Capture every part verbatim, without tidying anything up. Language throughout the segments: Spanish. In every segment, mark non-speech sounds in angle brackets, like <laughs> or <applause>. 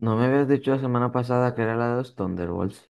¿No me habías dicho la semana pasada que era la de los Thunderbolts?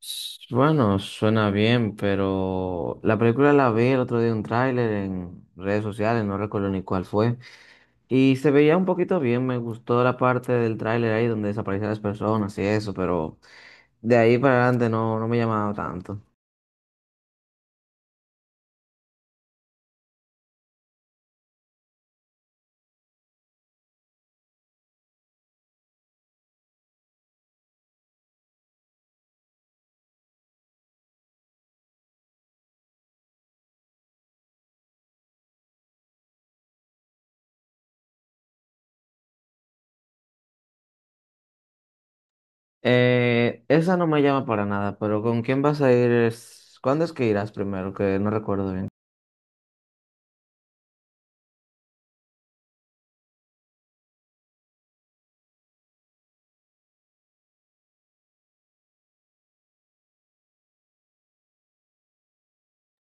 S- Bueno, suena bien, pero la película la vi el otro día un tráiler en redes sociales, no recuerdo ni cuál fue, y se veía un poquito bien, me gustó la parte del tráiler ahí donde desaparecían las personas y eso, pero de ahí para adelante no, no me llamaba tanto. Eh, esa no me llama para nada, pero ¿con quién vas a ir? Es- ¿Cuándo es que irás primero? Que no recuerdo bien.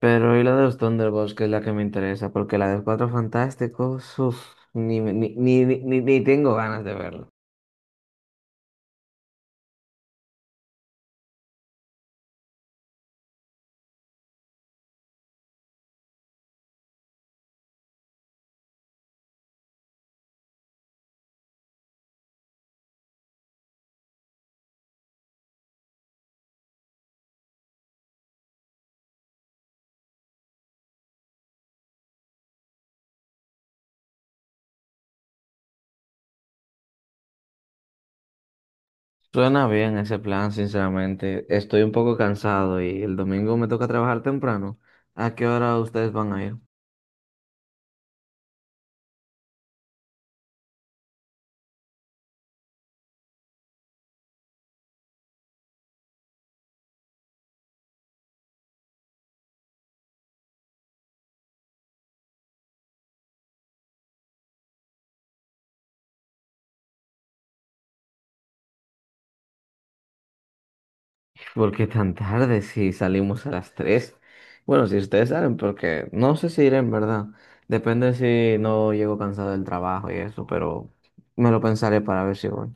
Pero y la de los Thunderbolts, que es la que me interesa, porque la de Cuatro Fantásticos, uff, ni, me- ni, ni, ni, ni- ni tengo ganas de verlo. Suena bien ese plan, sinceramente. Estoy un poco cansado y el domingo me toca trabajar temprano. ¿A qué hora ustedes van a ir? ¿Por qué tan tarde si salimos a las tres? Bueno, si ustedes salen, porque no sé si iré en verdad. Depende si no llego cansado del trabajo y eso, pero me lo pensaré para ver si voy.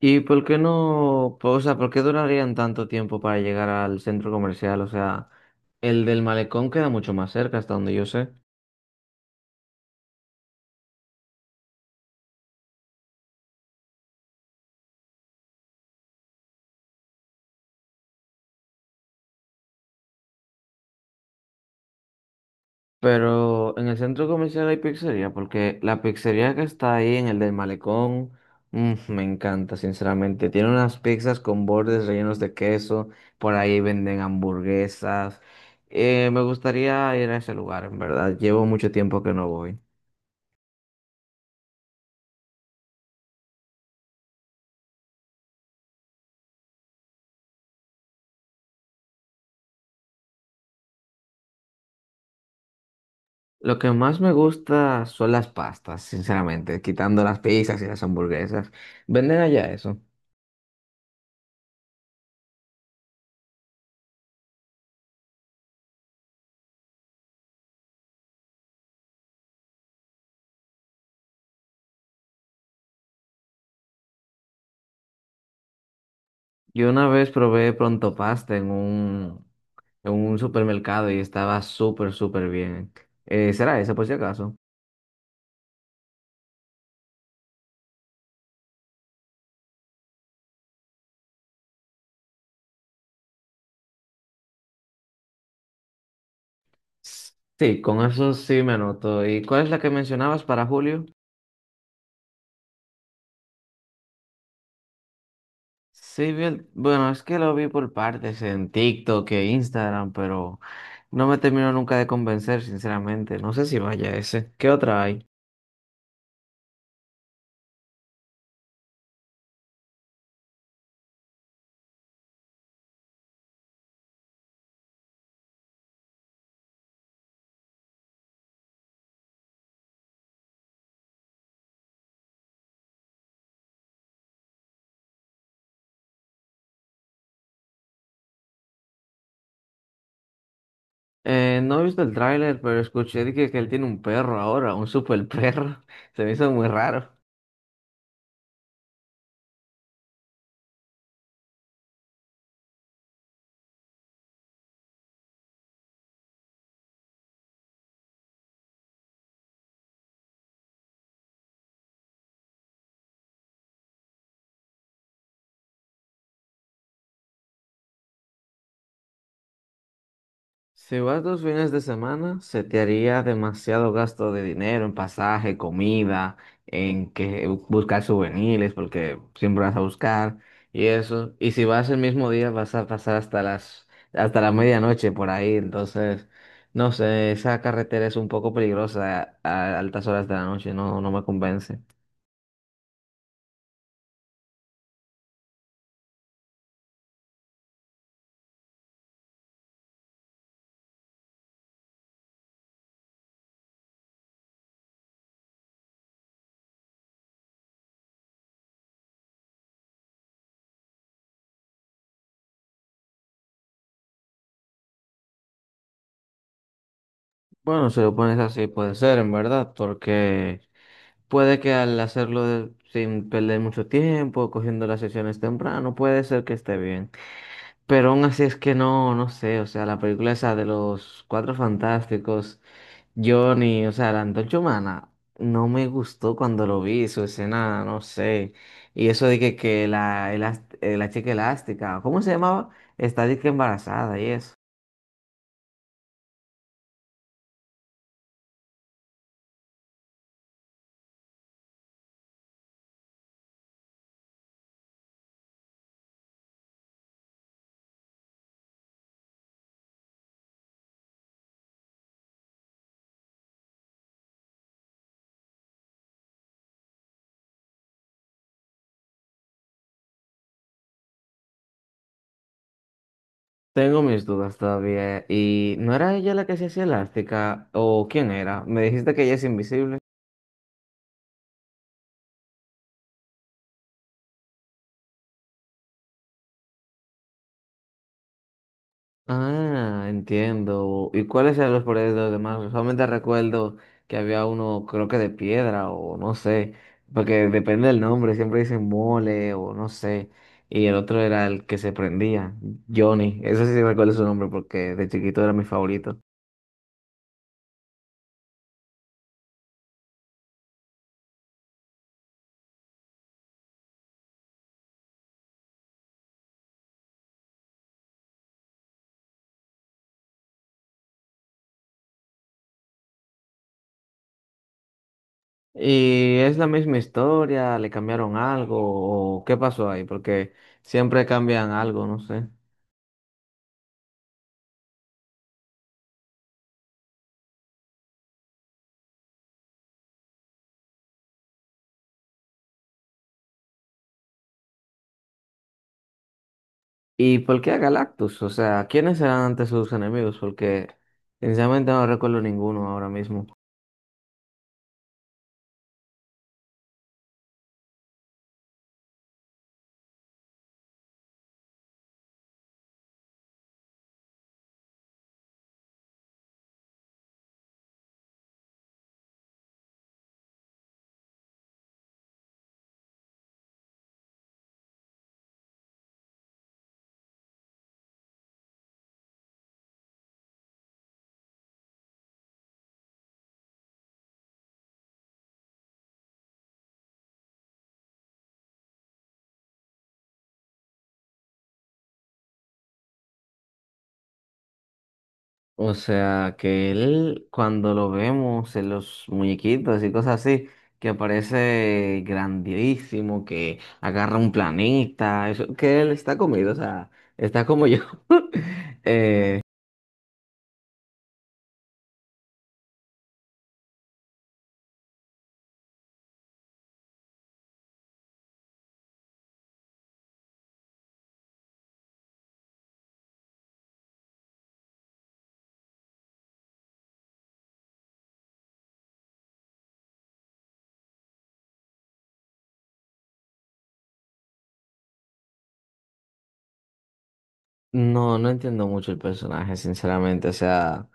¿Y por qué no, po- o sea, por qué durarían tanto tiempo para llegar al centro comercial? O sea, el del malecón queda mucho más cerca, hasta donde yo sé. Pero en el centro comercial hay pizzería, porque la pizzería que está ahí en el del malecón, mm, me encanta, sinceramente. Tiene unas pizzas con bordes rellenos de queso, por ahí venden hamburguesas. Eh, me gustaría ir a ese lugar, en verdad. Llevo mucho tiempo que no voy. Lo que más me gusta son las pastas, sinceramente, quitando las pizzas y las hamburguesas. Venden allá eso. Yo una vez probé pronto pasta en un, en un supermercado y estaba súper, súper bien. Eh, ¿será esa por si acaso? S- Sí, con eso sí me anoto. ¿Y cuál es la que mencionabas para Julio? Sí, vi el- bueno, es que lo vi por partes en TikTok e Instagram, pero no me terminó nunca de convencer, sinceramente. No sé si vaya ese. ¿Qué otra hay? Eh, no he visto el tráiler, pero escuché de que, que él tiene un perro ahora, un super perro. <laughs> Se me hizo muy raro. Si vas dos fines de semana, se te haría demasiado gasto de dinero en pasaje, comida, en que buscar souvenirs, porque siempre vas a buscar y eso. Y si vas el mismo día, vas a pasar hasta las, hasta la medianoche por ahí. Entonces, no sé, esa carretera es un poco peligrosa a, a altas horas de la noche, no, no me convence. Bueno, si lo pones así, puede ser, en verdad, porque puede que al hacerlo de- sin perder mucho tiempo, cogiendo las sesiones temprano, puede ser que esté bien. Pero aún así es que no, no sé, o sea, la película esa de los Cuatro Fantásticos, Johnny, o sea, la Antorcha Humana, no me gustó cuando lo vi, su escena, no sé. Y eso de que, que la, elas- eh, la chica elástica, ¿cómo se llamaba? Está de que embarazada y eso. Tengo mis dudas todavía. ¿Y no era ella la que se hacía elástica? ¿O quién era? Me dijiste que ella es invisible. Ah, entiendo. ¿Y cuáles eran los poderes de los demás? Solamente recuerdo que había uno, creo que de piedra o no sé, porque depende del nombre, siempre dicen mole o no sé. Y el otro era el que se prendía, Johnny. Eso sí recuerdo su nombre porque de chiquito era mi favorito. ¿Y es la misma historia? ¿Le cambiaron algo? ¿O qué pasó ahí? Porque siempre cambian algo, no sé. ¿Y por qué a Galactus? O sea, ¿quiénes eran antes sus enemigos? Porque sinceramente no recuerdo ninguno ahora mismo. O sea, que él, cuando lo vemos en los muñequitos y cosas así, que aparece grandísimo, que agarra un planeta, eso, que él está comido, o sea, está como yo. <laughs> Eh, No, no entiendo mucho el personaje, sinceramente. O sea,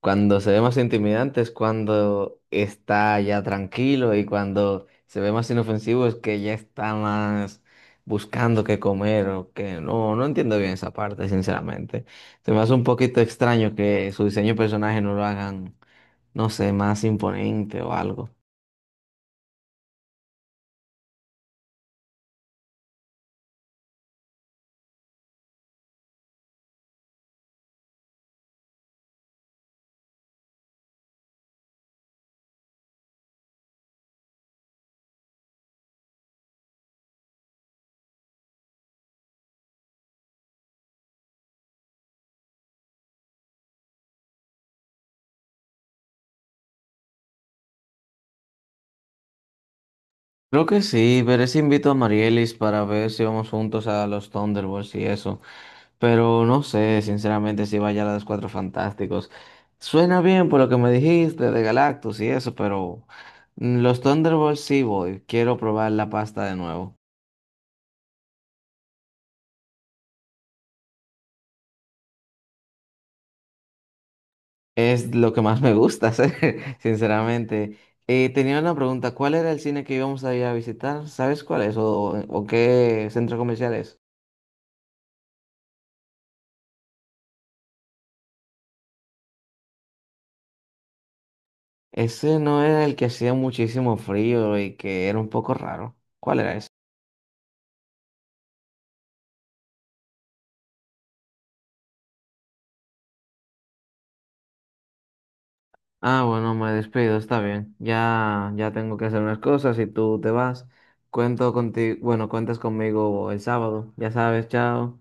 cuando se ve más intimidante es cuando está ya tranquilo y cuando se ve más inofensivo es que ya está más buscando qué comer o que no, no entiendo bien esa parte, sinceramente. Se me hace un poquito extraño que su diseño de personaje no lo hagan, no sé, más imponente o algo. Creo que sí, veré si invito a Marielis para ver si vamos juntos a los Thunderbolts y eso. Pero no sé, sinceramente, si vaya a los Cuatro Fantásticos. Suena bien por lo que me dijiste de Galactus y eso, pero mm, los Thunderbolts sí voy. Quiero probar la pasta de nuevo. Es lo que más me gusta hacer, <laughs> sinceramente. Eh, tenía una pregunta, ¿cuál era el cine que íbamos a ir a visitar? ¿Sabes cuál es? ¿O, ¿o qué centro comercial es? Ese no era el que hacía muchísimo frío y que era un poco raro. ¿Cuál era ese? Ah, bueno, me despido, está bien. Ya, ya tengo que hacer unas cosas y tú te vas. Cuento contigo, bueno, cuentas conmigo el sábado, ya sabes, chao.